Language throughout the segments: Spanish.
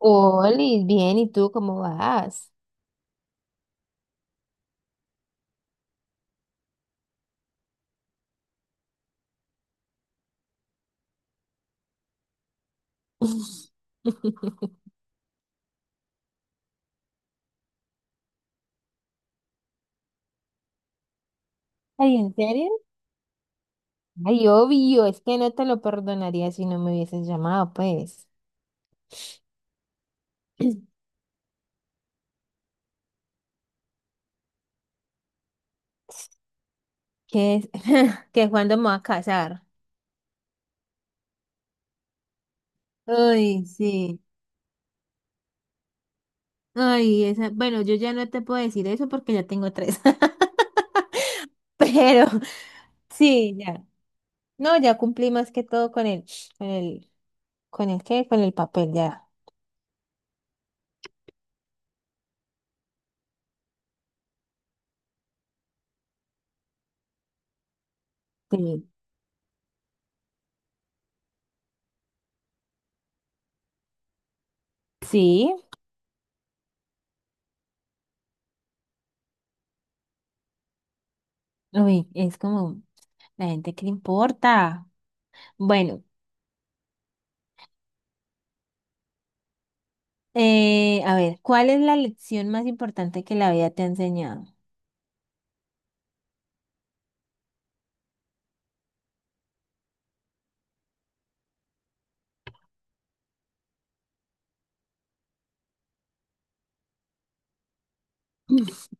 Oli, bien, ¿y tú cómo vas? Ay, ¿en serio? Ay, obvio, es que no te lo perdonaría si no me hubieses llamado, pues. ¿Qué es? ¿Que cuándo me voy a casar? Ay, sí. Ay, esa. Bueno, yo ya no te puedo decir eso porque ya tengo tres. Pero sí, ya. No, ya cumplí más que todo con el, con el, ¿con el qué? Con el papel, ya. Sí. Sí. Uy, es como la gente que le importa. Bueno, a ver, ¿cuál es la lección más importante que la vida te ha enseñado?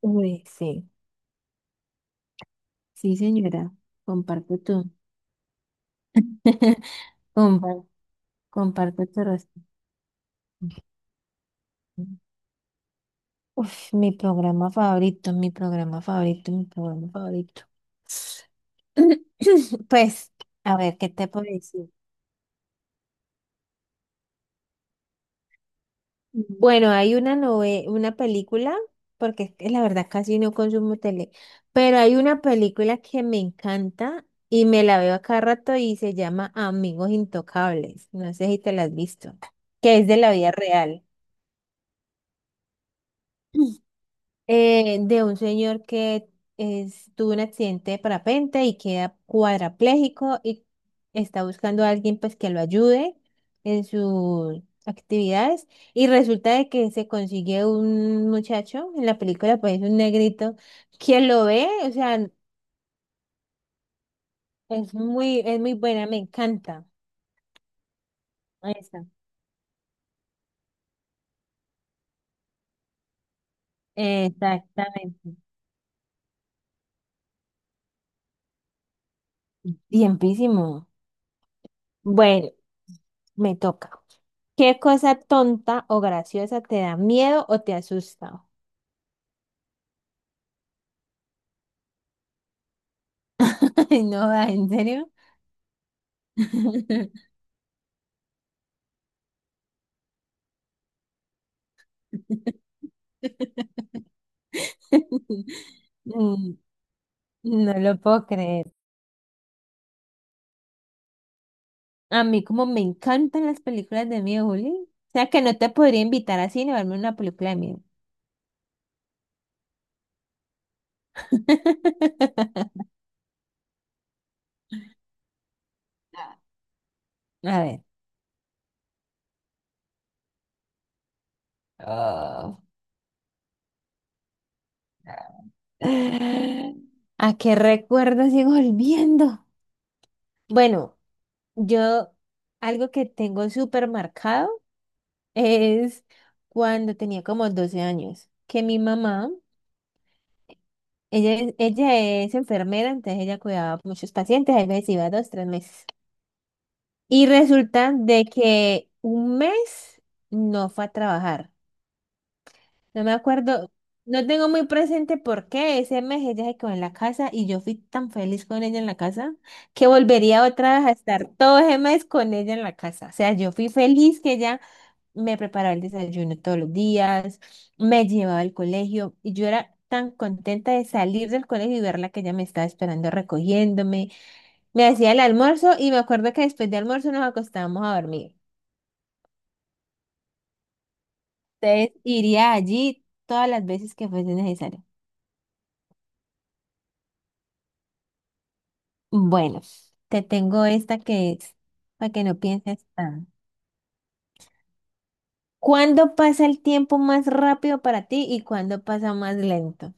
Uy, sí, sí, señora, comparto tú. Comparto, comparto tu respuesta. Uf, mi programa favorito, mi programa favorito, mi programa favorito. Pues, a ver, ¿qué te puedo decir? Bueno, hay una película, porque es que la verdad casi no consumo tele, pero hay una película que me encanta y me la veo a cada rato y se llama Amigos Intocables. No sé si te la has visto, que es de la vida real, de un señor que tuvo un accidente de parapente y queda cuadrapléjico, y está buscando a alguien pues que lo ayude en sus actividades, y resulta de que se consigue un muchacho en la película, pues un negrito que lo ve. O sea, es muy buena, me encanta. Ahí está. Exactamente. Tiempísimo. Bueno, me toca. ¿Qué cosa tonta o graciosa te da miedo o te asusta? Ay, no, ah, ¿en serio? Mm, No lo puedo creer. A mí como me encantan las películas de miedo, Juli. O sea que no te podría invitar a cine a verme una película de miedo. A ver. Oh. ¿A qué recuerdo sigo volviendo? Bueno, yo, algo que tengo súper marcado es cuando tenía como 12 años, que mi mamá, ella es enfermera, entonces ella cuidaba muchos pacientes, a veces iba 2, 3 meses. Y resulta de que un mes no fue a trabajar. No me acuerdo, no tengo muy presente por qué ese mes ella se quedó en la casa y yo fui tan feliz con ella en la casa, que volvería otra vez a estar todo ese mes con ella en la casa. O sea, yo fui feliz que ella me preparaba el desayuno todos los días, me llevaba al colegio, y yo era tan contenta de salir del colegio y verla, que ella me estaba esperando recogiéndome. Me hacía el almuerzo y me acuerdo que después de almuerzo nos acostábamos a dormir. Entonces iría allí todas las veces que fuese necesario. Bueno, te tengo esta que es para que no pienses tanto. ¿Cuándo pasa el tiempo más rápido para ti y cuándo pasa más lento?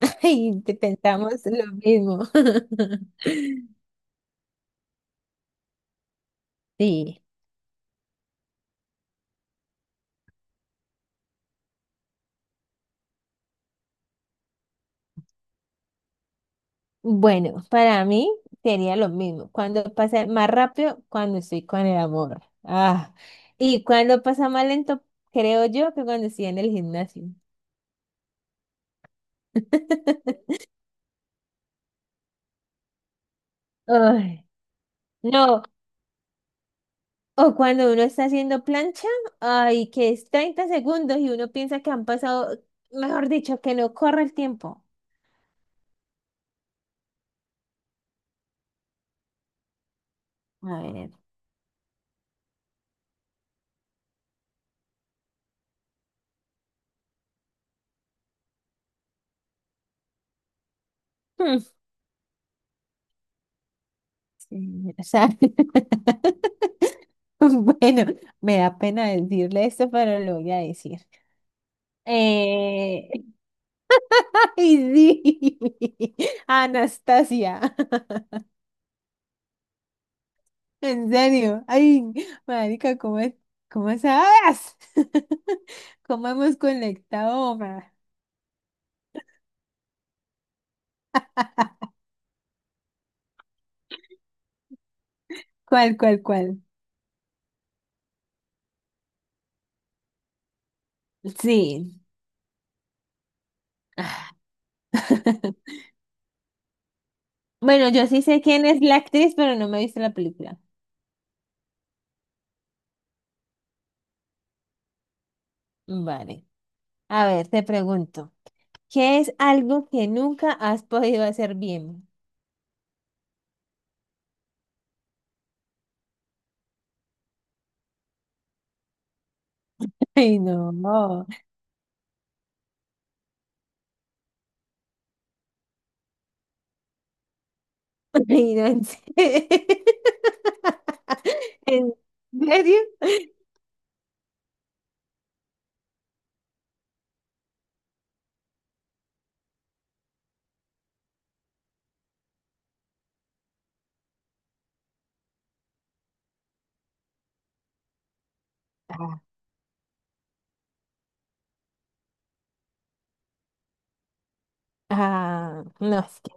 Y te pensamos lo mismo. Sí. Bueno, para mí sería lo mismo. Cuando pasa más rápido, cuando estoy con el amor. Ah, y cuando pasa más lento, creo yo que cuando estoy en el gimnasio. Ay, no, o cuando uno está haciendo plancha, ay, que es 30 segundos y uno piensa que han pasado, mejor dicho, que no corre el tiempo. A ver. hmm, sí, o sea. Bueno, me da pena decirle esto, pero lo voy a decir. Eh, Ay, sí, Anastasia, en serio, ay, marica, ¿cómo sabes? ¿Cómo hemos conectado, ma? ¿Cuál, cuál, cuál? Sí. Bueno, yo sí sé quién es la actriz, pero no me he visto la película. Vale. A ver, te pregunto, ¿qué es algo que nunca has podido hacer bien? Ay, no, no. Ay, no, ¿en serio? ¿En serio? Ah, no, es que.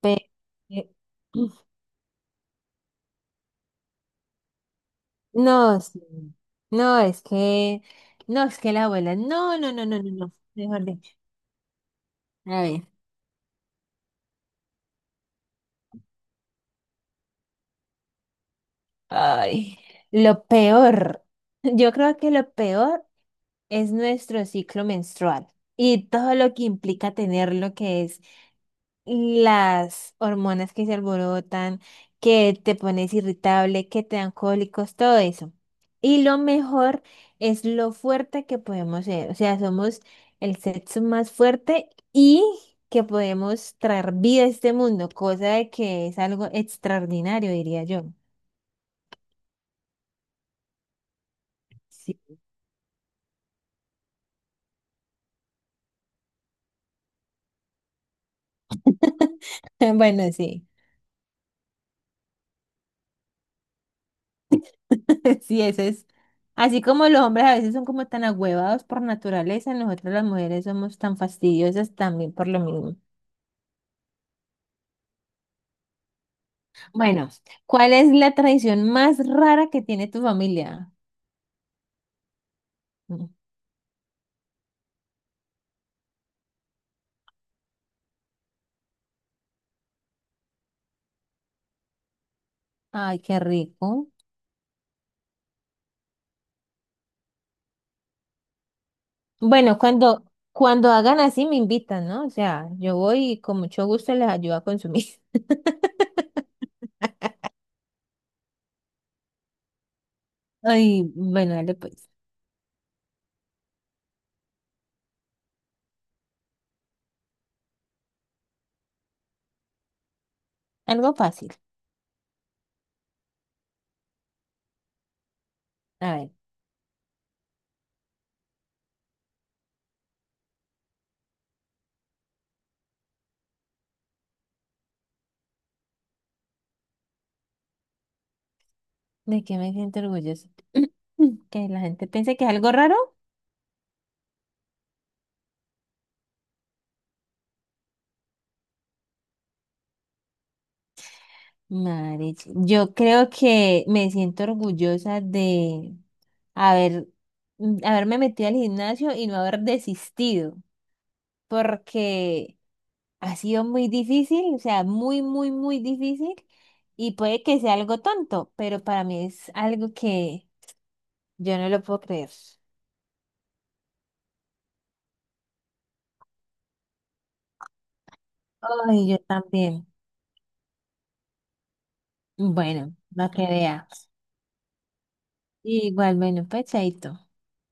pe- eh, No, sí. No, es que. No, es que la abuela. No, no, no, no, no, no. Mejor dicho. A ver. Ay, lo peor. Yo creo que lo peor es nuestro ciclo menstrual y todo lo que implica tenerlo, que es las hormonas que se alborotan, que te pones irritable, que te dan cólicos, todo eso. Y lo mejor es lo fuerte que podemos ser. O sea, somos el sexo más fuerte y que podemos traer vida a este mundo, cosa de que es algo extraordinario, diría yo. Sí. Bueno, sí, sí, eso es. Así como los hombres a veces son como tan agüevados por naturaleza, nosotras las mujeres somos tan fastidiosas también por lo mismo. Bueno, ¿cuál es la tradición más rara que tiene tu familia? Mm. Ay, qué rico. Bueno, cuando hagan así me invitan, ¿no? O sea, yo voy y con mucho gusto les ayudo a consumir. Ay, bueno, dale pues. Algo fácil. A ver, ¿de qué me siento orgulloso? Que la gente piense que es algo raro. Madre, yo creo que me siento orgullosa de haber, haberme metido al gimnasio y no haber desistido, porque ha sido muy difícil, o sea, muy, muy, muy difícil. Y puede que sea algo tonto, pero para mí es algo que yo no lo puedo creer. Ay, yo también. Bueno, no que vea. Igual, bueno, pues chaito.